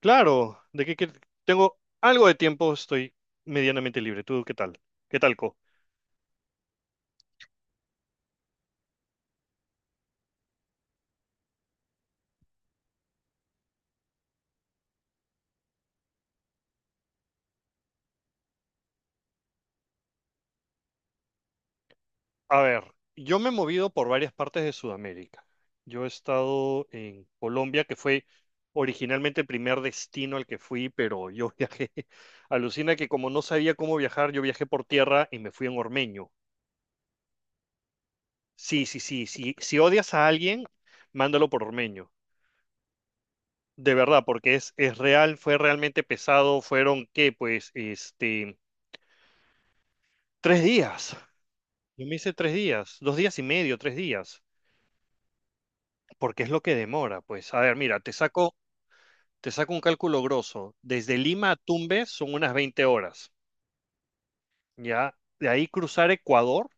Claro, de que tengo algo de tiempo, estoy medianamente libre. ¿Tú qué tal? ¿Qué tal, Co? A ver, yo me he movido por varias partes de Sudamérica. Yo he estado en Colombia, que fue originalmente el primer destino al que fui, pero yo viajé. Alucina que como no sabía cómo viajar, yo viajé por tierra y me fui en Ormeño. Sí, sí, sí, sí. Si odias a alguien, mándalo por Ormeño. De verdad, porque es real, fue realmente pesado. Fueron, ¿qué? Pues, 3 días. Yo me hice 3 días, 2 días y medio, 3 días, porque es lo que demora, pues. A ver, mira, te saco un cálculo grosso. Desde Lima a Tumbes son unas 20 horas, ¿ya? De ahí cruzar Ecuador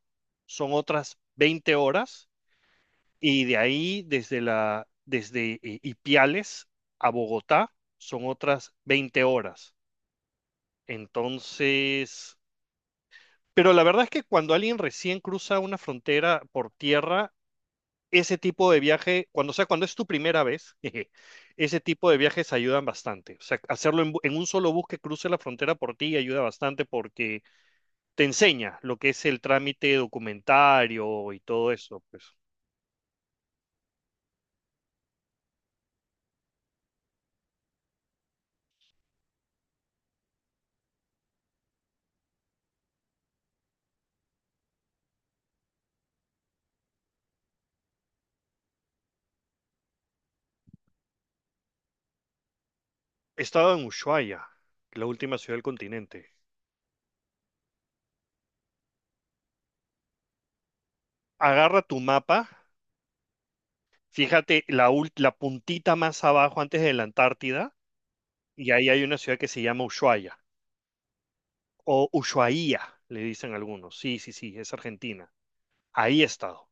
son otras 20 horas, y de ahí desde Ipiales a Bogotá son otras 20 horas. Entonces, pero la verdad es que cuando alguien recién cruza una frontera por tierra, ese tipo de viaje, o sea, cuando es tu primera vez, jeje, ese tipo de viajes ayudan bastante. O sea, hacerlo en un solo bus que cruce la frontera por ti ayuda bastante porque te enseña lo que es el trámite documentario y todo eso, pues. He estado en Ushuaia, la última ciudad del continente. Agarra tu mapa, fíjate la puntita más abajo antes de la Antártida, y ahí hay una ciudad que se llama Ushuaia, o Ushuaia, le dicen algunos. Sí, sí, sí, es Argentina. Ahí he estado.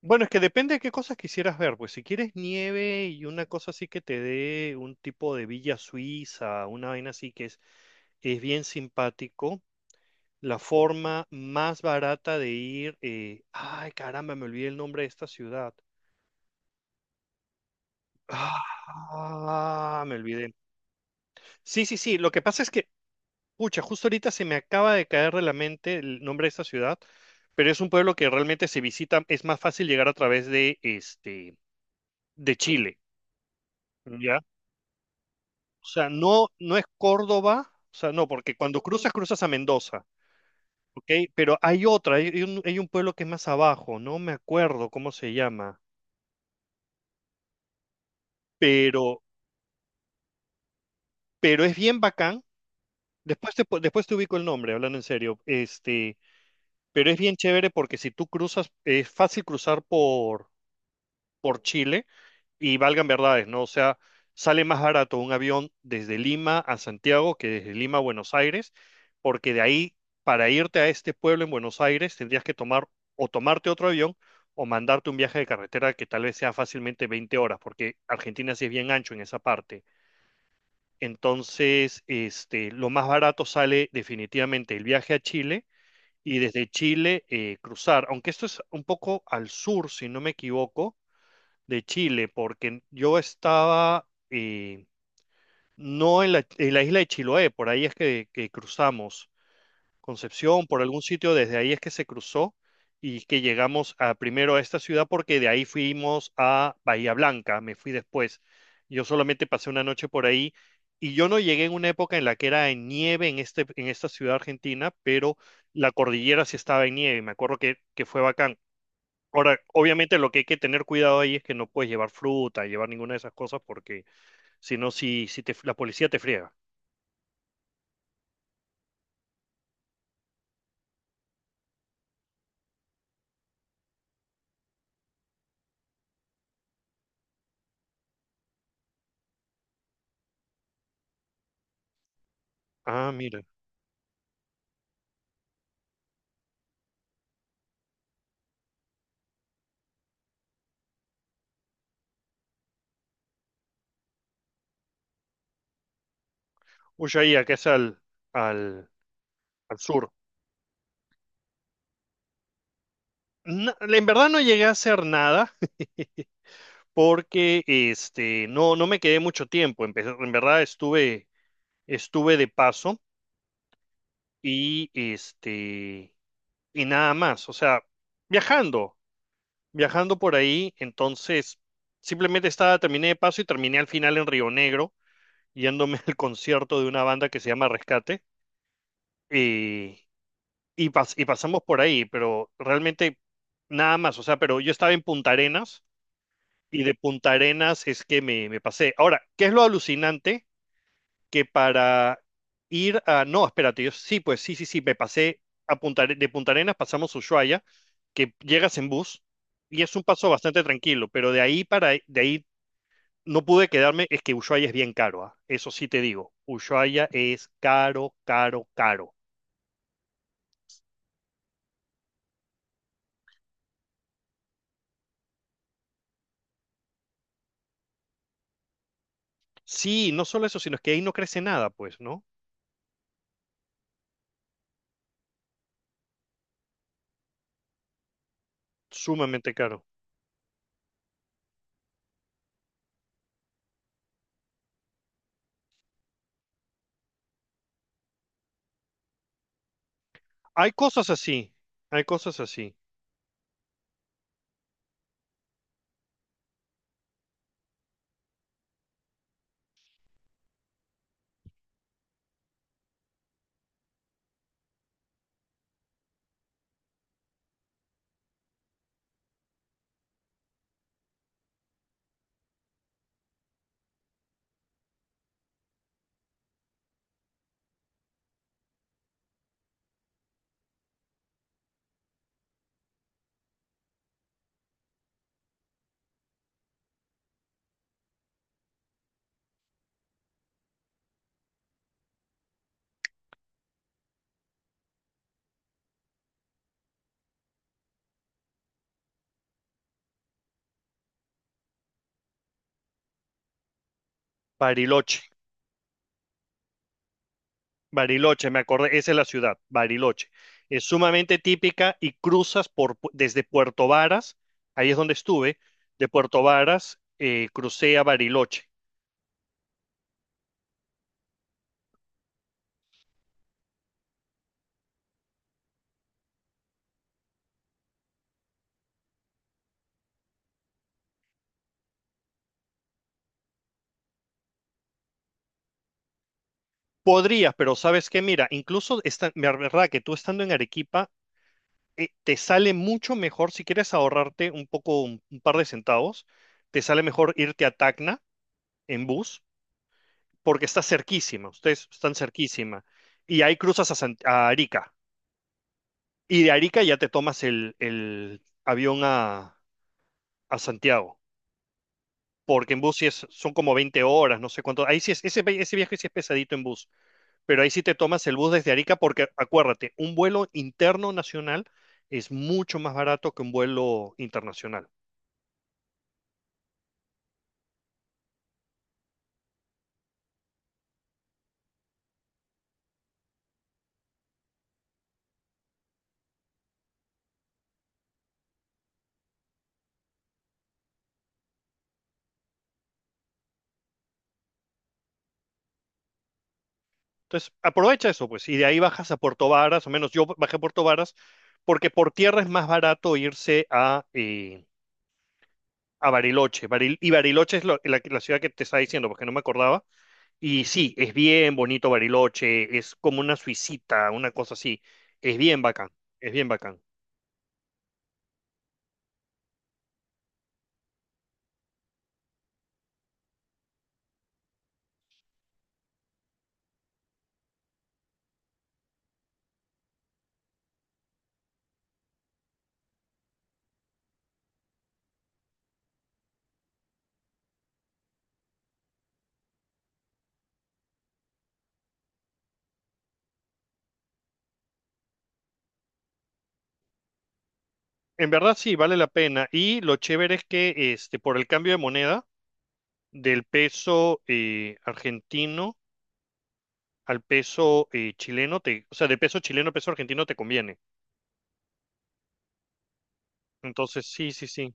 Bueno, es que depende de qué cosas quisieras ver, pues si quieres nieve y una cosa así que te dé un tipo de villa suiza, una vaina así que es bien simpático, la forma más barata de ir, ay caramba, me olvidé el nombre de esta ciudad. Ah, me olvidé. Sí, sí, sí, lo que pasa es que, pucha, justo ahorita se me acaba de caer de la mente el nombre de esta ciudad, pero es un pueblo que realmente se visita, es más fácil llegar a través de Chile, ¿ya? O sea, no, no es Córdoba, o sea, no, porque cuando cruzas a Mendoza, ¿ok? Pero hay otra, hay, hay un pueblo que es más abajo, no me acuerdo cómo se llama, pero, pero es bien bacán. Después te ubico el nombre, hablando en serio. Pero es bien chévere porque si tú cruzas, es fácil cruzar por Chile y valgan verdades, ¿no? O sea, sale más barato un avión desde Lima a Santiago que desde Lima a Buenos Aires, porque de ahí, para irte a este pueblo en Buenos Aires, tendrías que tomar o tomarte otro avión o mandarte un viaje de carretera que tal vez sea fácilmente 20 horas, porque Argentina sí es bien ancho en esa parte. Entonces, lo más barato sale definitivamente el viaje a Chile y desde Chile cruzar, aunque esto es un poco al sur, si no me equivoco, de Chile, porque yo estaba no en la isla de Chiloé, por ahí es que cruzamos Concepción, por algún sitio, desde ahí es que se cruzó y que llegamos a, primero a esta ciudad porque de ahí fuimos a Bahía Blanca, me fui después. Yo solamente pasé una noche por ahí y yo no llegué en una época en la que era en nieve en esta ciudad argentina, pero la cordillera sí estaba en nieve, me acuerdo que fue bacán. Ahora, obviamente lo que hay que tener cuidado ahí es que no puedes llevar fruta, llevar ninguna de esas cosas, porque si no, si te, la policía te friega. Ah, mira. Ushuaia, que es al, al sur. No, en verdad no llegué a hacer nada porque no me quedé mucho tiempo. En verdad estuve de paso y, este, y nada más. O sea, viajando, viajando por ahí. Entonces, simplemente estaba, terminé de paso y terminé al final en Río Negro yéndome al concierto de una banda que se llama Rescate y, y pasamos por ahí, pero realmente nada más, o sea, pero yo estaba en Punta Arenas y de Punta Arenas es que me pasé. Ahora, ¿qué es lo alucinante? Que para ir a... No, espérate, yo sí, pues sí, sí, sí, me pasé de Punta Arenas, pasamos a Ushuaia, que llegas en bus. Y es un paso bastante tranquilo, pero de ahí no pude quedarme, es que Ushuaia es bien caro, ¿ah? Eso sí te digo, Ushuaia es caro, caro, caro. Sí, no solo eso, sino es que ahí no crece nada, pues, ¿no? Sumamente caro. Hay cosas así, hay cosas así. Bariloche, Bariloche, me acordé, esa es la ciudad, Bariloche. Es sumamente típica y cruzas desde Puerto Varas, ahí es donde estuve, de Puerto Varas crucé a Bariloche. Podrías, pero sabes qué, mira, incluso esta, la verdad que tú estando en Arequipa te sale mucho mejor, si quieres ahorrarte un poco, un par de centavos, te sale mejor irte a Tacna en bus, porque está cerquísima, ustedes están cerquísima. Y ahí cruzas a Arica. Y de Arica ya te tomas el avión a Santiago, porque en bus sí son como 20 horas, no sé cuánto. Ahí sí es, ese viaje sí es pesadito en bus, pero ahí sí te tomas el bus desde Arica, porque acuérdate, un vuelo interno nacional es mucho más barato que un vuelo internacional. Entonces, aprovecha eso, pues, y de ahí bajas a Puerto Varas, o menos yo bajé a Puerto Varas, porque por tierra es más barato irse a Bariloche. Y Bariloche es la ciudad que te estaba diciendo, porque no me acordaba. Y sí, es bien bonito Bariloche, es como una suicita, una cosa así. Es bien bacán, es bien bacán. En verdad sí, vale la pena. Y lo chévere es que por el cambio de moneda del peso argentino al peso chileno, o sea, del peso chileno al peso argentino te conviene. Entonces, sí, sí, sí.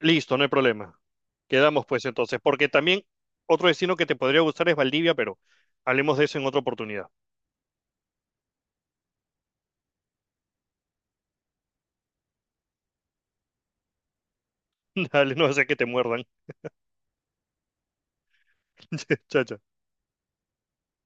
Listo, no hay problema. Quedamos pues entonces, porque también otro destino que te podría gustar es Valdivia, pero hablemos de eso en otra oportunidad. Dale, no sé que te muerdan. Chao, chao.